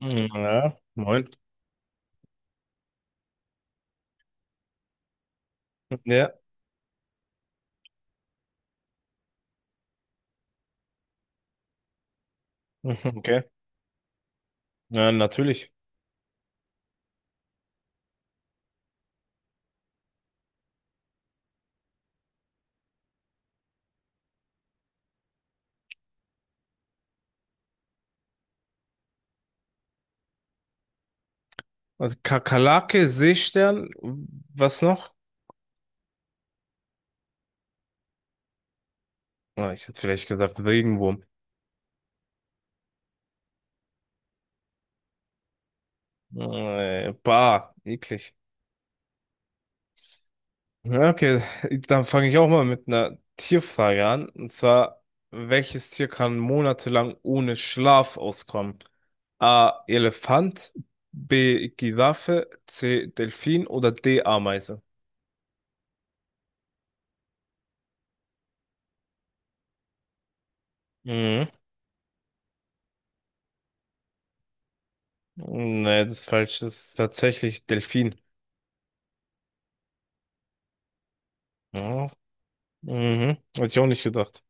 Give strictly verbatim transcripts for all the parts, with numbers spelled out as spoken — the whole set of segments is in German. Mhm, Ja, moin. Ja. mhm, okay. Ja, natürlich. Also Kakerlake, Seestern, was noch? Ah, ich hätte vielleicht gesagt Regenwurm. Äh, bah, eklig. Ja, okay, dann fange ich auch mal mit einer Tierfrage an. Und zwar, welches Tier kann monatelang ohne Schlaf auskommen? A. Elefant, B. Giraffe, C. Delfin oder D. Ameise? Mhm. Nee, das ist falsch. Das ist tatsächlich Delfin. Ja. Mhm, hätte ich auch nicht gedacht.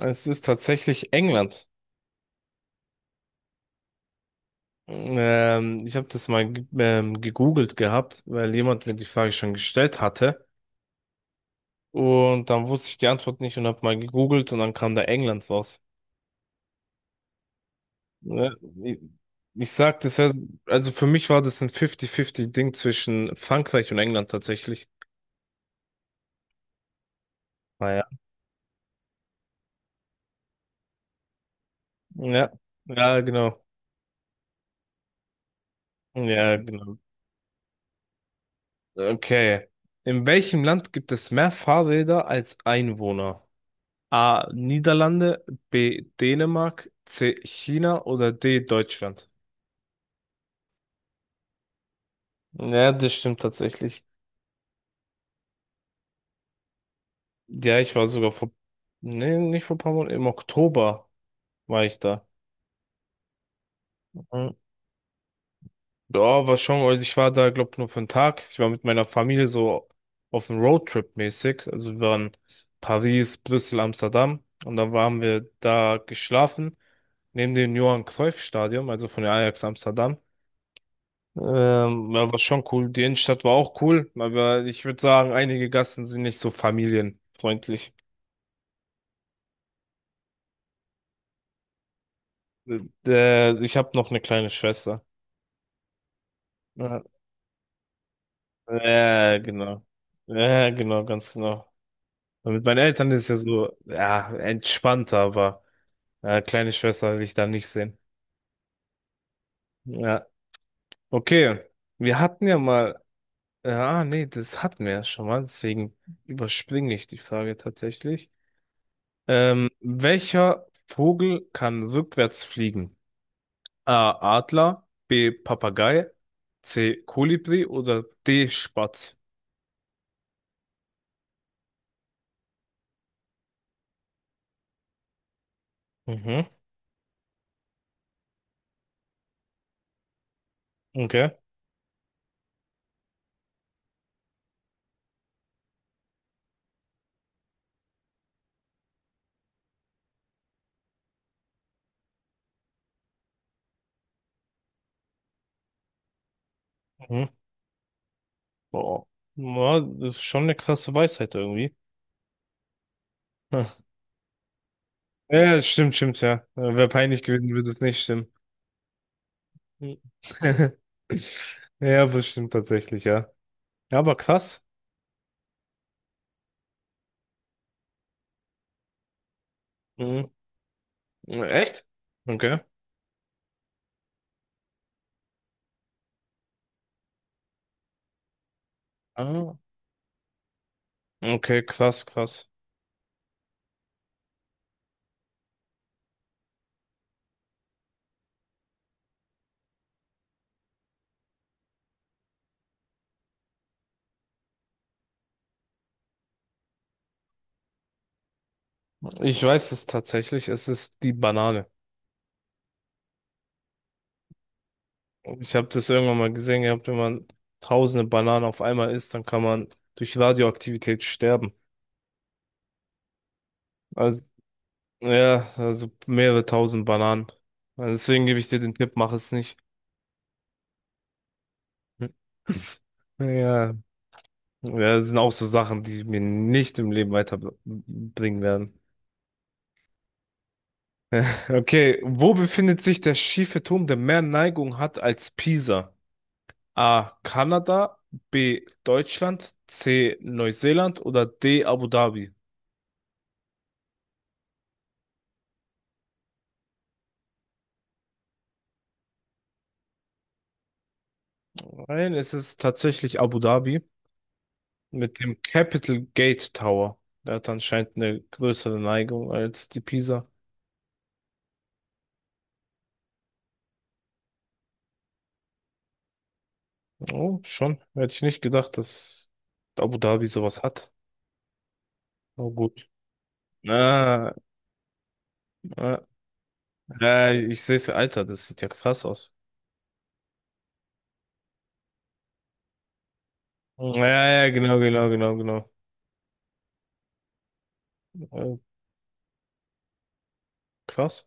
Es ist tatsächlich England. Ähm, ich habe das mal ge- ähm, gegoogelt gehabt, weil jemand mir die Frage schon gestellt hatte. Und dann wusste ich die Antwort nicht und habe mal gegoogelt und dann kam da England raus. Ne? Ich, ich sag, das wär, also für mich war das ein fünfzig fünfzig-Ding zwischen Frankreich und England tatsächlich. Naja. Ja, ja, genau. Ja, genau. Okay. In welchem Land gibt es mehr Fahrräder als Einwohner? A. Niederlande, B. Dänemark, C. China oder D. Deutschland? Ja, das stimmt tatsächlich. Ja, ich war sogar vor, nee, nicht vor ein paar Monaten, im Oktober war ich da. Mhm. Ja, war schon, also ich war da, glaub, nur für einen Tag. Ich war mit meiner Familie so auf dem Roadtrip mäßig. Also wir waren Paris, Brüssel, Amsterdam und dann waren wir da geschlafen, neben dem Johan Cruyff Stadion, also von der Ajax Amsterdam. Ähm, ja, war schon cool. Die Innenstadt war auch cool, aber ich würde sagen, einige Gassen sind nicht so familienfreundlich. Äh, äh, ich habe noch eine kleine Schwester. Ja, äh, genau. Ja, genau, ganz genau. Und mit meinen Eltern ist ja so, ja, entspannter, aber äh, kleine Schwester will ich da nicht sehen. Ja, okay. Wir hatten ja mal, äh, ah, nee, das hatten wir ja schon mal, deswegen überspringe ich die Frage tatsächlich. Ähm, welcher Vogel kann rückwärts fliegen? A. Adler, B. Papagei, C. Kolibri oder D. Spatz? Mhm, okay. Mhm. Boah. Ja, das ist schon eine krasse Weisheit irgendwie. Hm. Ja, stimmt, stimmt, ja. Wäre peinlich gewesen, würde es nicht stimmen. Hm. Ja, das stimmt tatsächlich, ja. Ja, aber krass. Mhm. Echt? Okay. Ah. Okay, krass, krass. Ich weiß es tatsächlich, es ist die Banane. Ich habe das irgendwann mal gesehen gehabt, wenn man tausende Bananen auf einmal isst, dann kann man durch Radioaktivität sterben. Also, ja, also mehrere tausend Bananen. Also deswegen gebe ich dir den Tipp, mach es nicht. Hm. Ja, ja, das sind auch so Sachen, die mir nicht im Leben weiterbringen werden. Okay, wo befindet sich der schiefe Turm, der mehr Neigung hat als Pisa? A. Kanada, B. Deutschland, C. Neuseeland oder D. Abu Dhabi? Nein, es ist tatsächlich Abu Dhabi mit dem Capital Gate Tower. Der hat anscheinend eine größere Neigung als die Pisa. Oh, schon. Hätte ich nicht gedacht, dass Abu Dhabi sowas hat. Oh gut. Ah, ah, ah, ich sehe es, Alter, das sieht ja krass aus. Ja, ja, genau, genau, genau, genau. Äh, krass.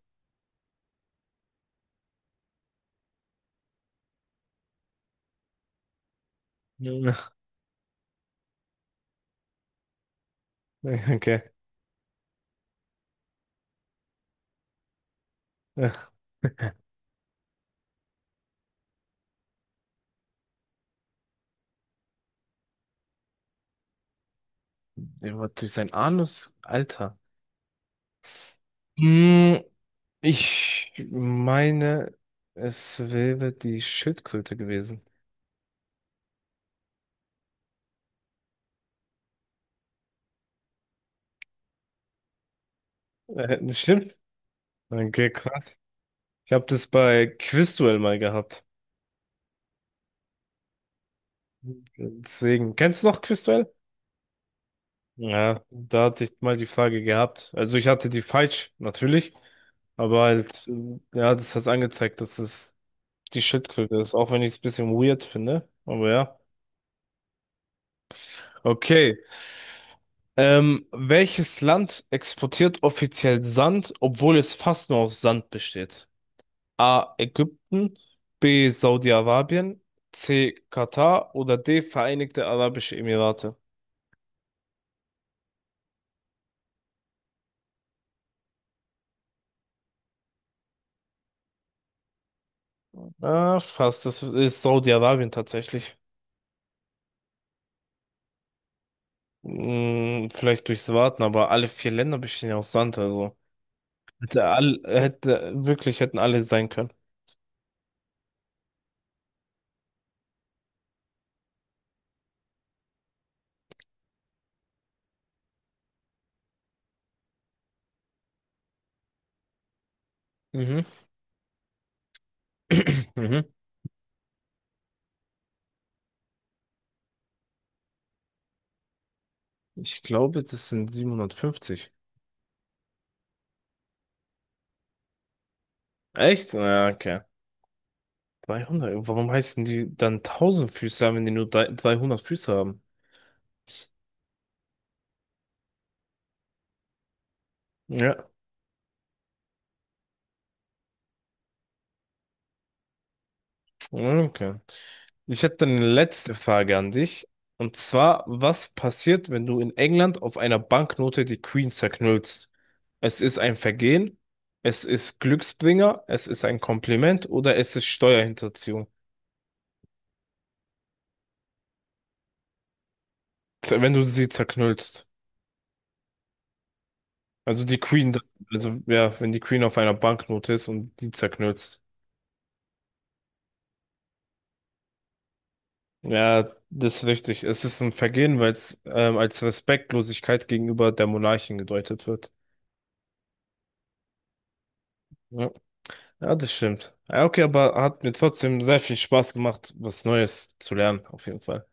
Ja. Okay. Ja. Der war durch seinen Anus, Alter. Mm, ich meine, es wäre die Schildkröte gewesen. Äh, das stimmt? Okay, krass. Ich habe das bei Quizduell mal gehabt. Deswegen, kennst du noch Quizduell? Ja, da hatte ich mal die Frage gehabt. Also ich hatte die falsch, natürlich. Aber halt, äh, ja, das hat angezeigt, dass es die Schildkröte ist, auch wenn ich es ein bisschen weird finde. Aber ja. Okay. Ähm, welches Land exportiert offiziell Sand, obwohl es fast nur aus Sand besteht? A. Ägypten, B. Saudi-Arabien, C. Katar oder D. Vereinigte Arabische Emirate. Ah, fast, das ist Saudi-Arabien tatsächlich. Hm, vielleicht durchs Warten, aber alle vier Länder bestehen ja aus Sand, also hätte all, hätte, wirklich hätten alle sein können. Mhm. Mhm. Ich glaube, das sind siebenhundertfünfzig. Echt? Ja, okay. dreihundert. Warum heißen die dann Tausendfüßler, wenn die nur drei- dreihundert Füße haben? Ja. Ja, okay. Ich hätte dann eine letzte Frage an dich. Und zwar, was passiert, wenn du in England auf einer Banknote die Queen zerknüllst? Es ist ein Vergehen, es ist Glücksbringer, es ist ein Kompliment oder es ist Steuerhinterziehung, Z- wenn du sie zerknüllst. Also die Queen, also ja, wenn die Queen auf einer Banknote ist und die zerknüllst. Ja, das ist richtig. Es ist ein Vergehen, weil es ähm, als Respektlosigkeit gegenüber der Monarchin gedeutet wird. Ja. Ja, das stimmt. Ja, okay, aber hat mir trotzdem sehr viel Spaß gemacht, was Neues zu lernen, auf jeden Fall.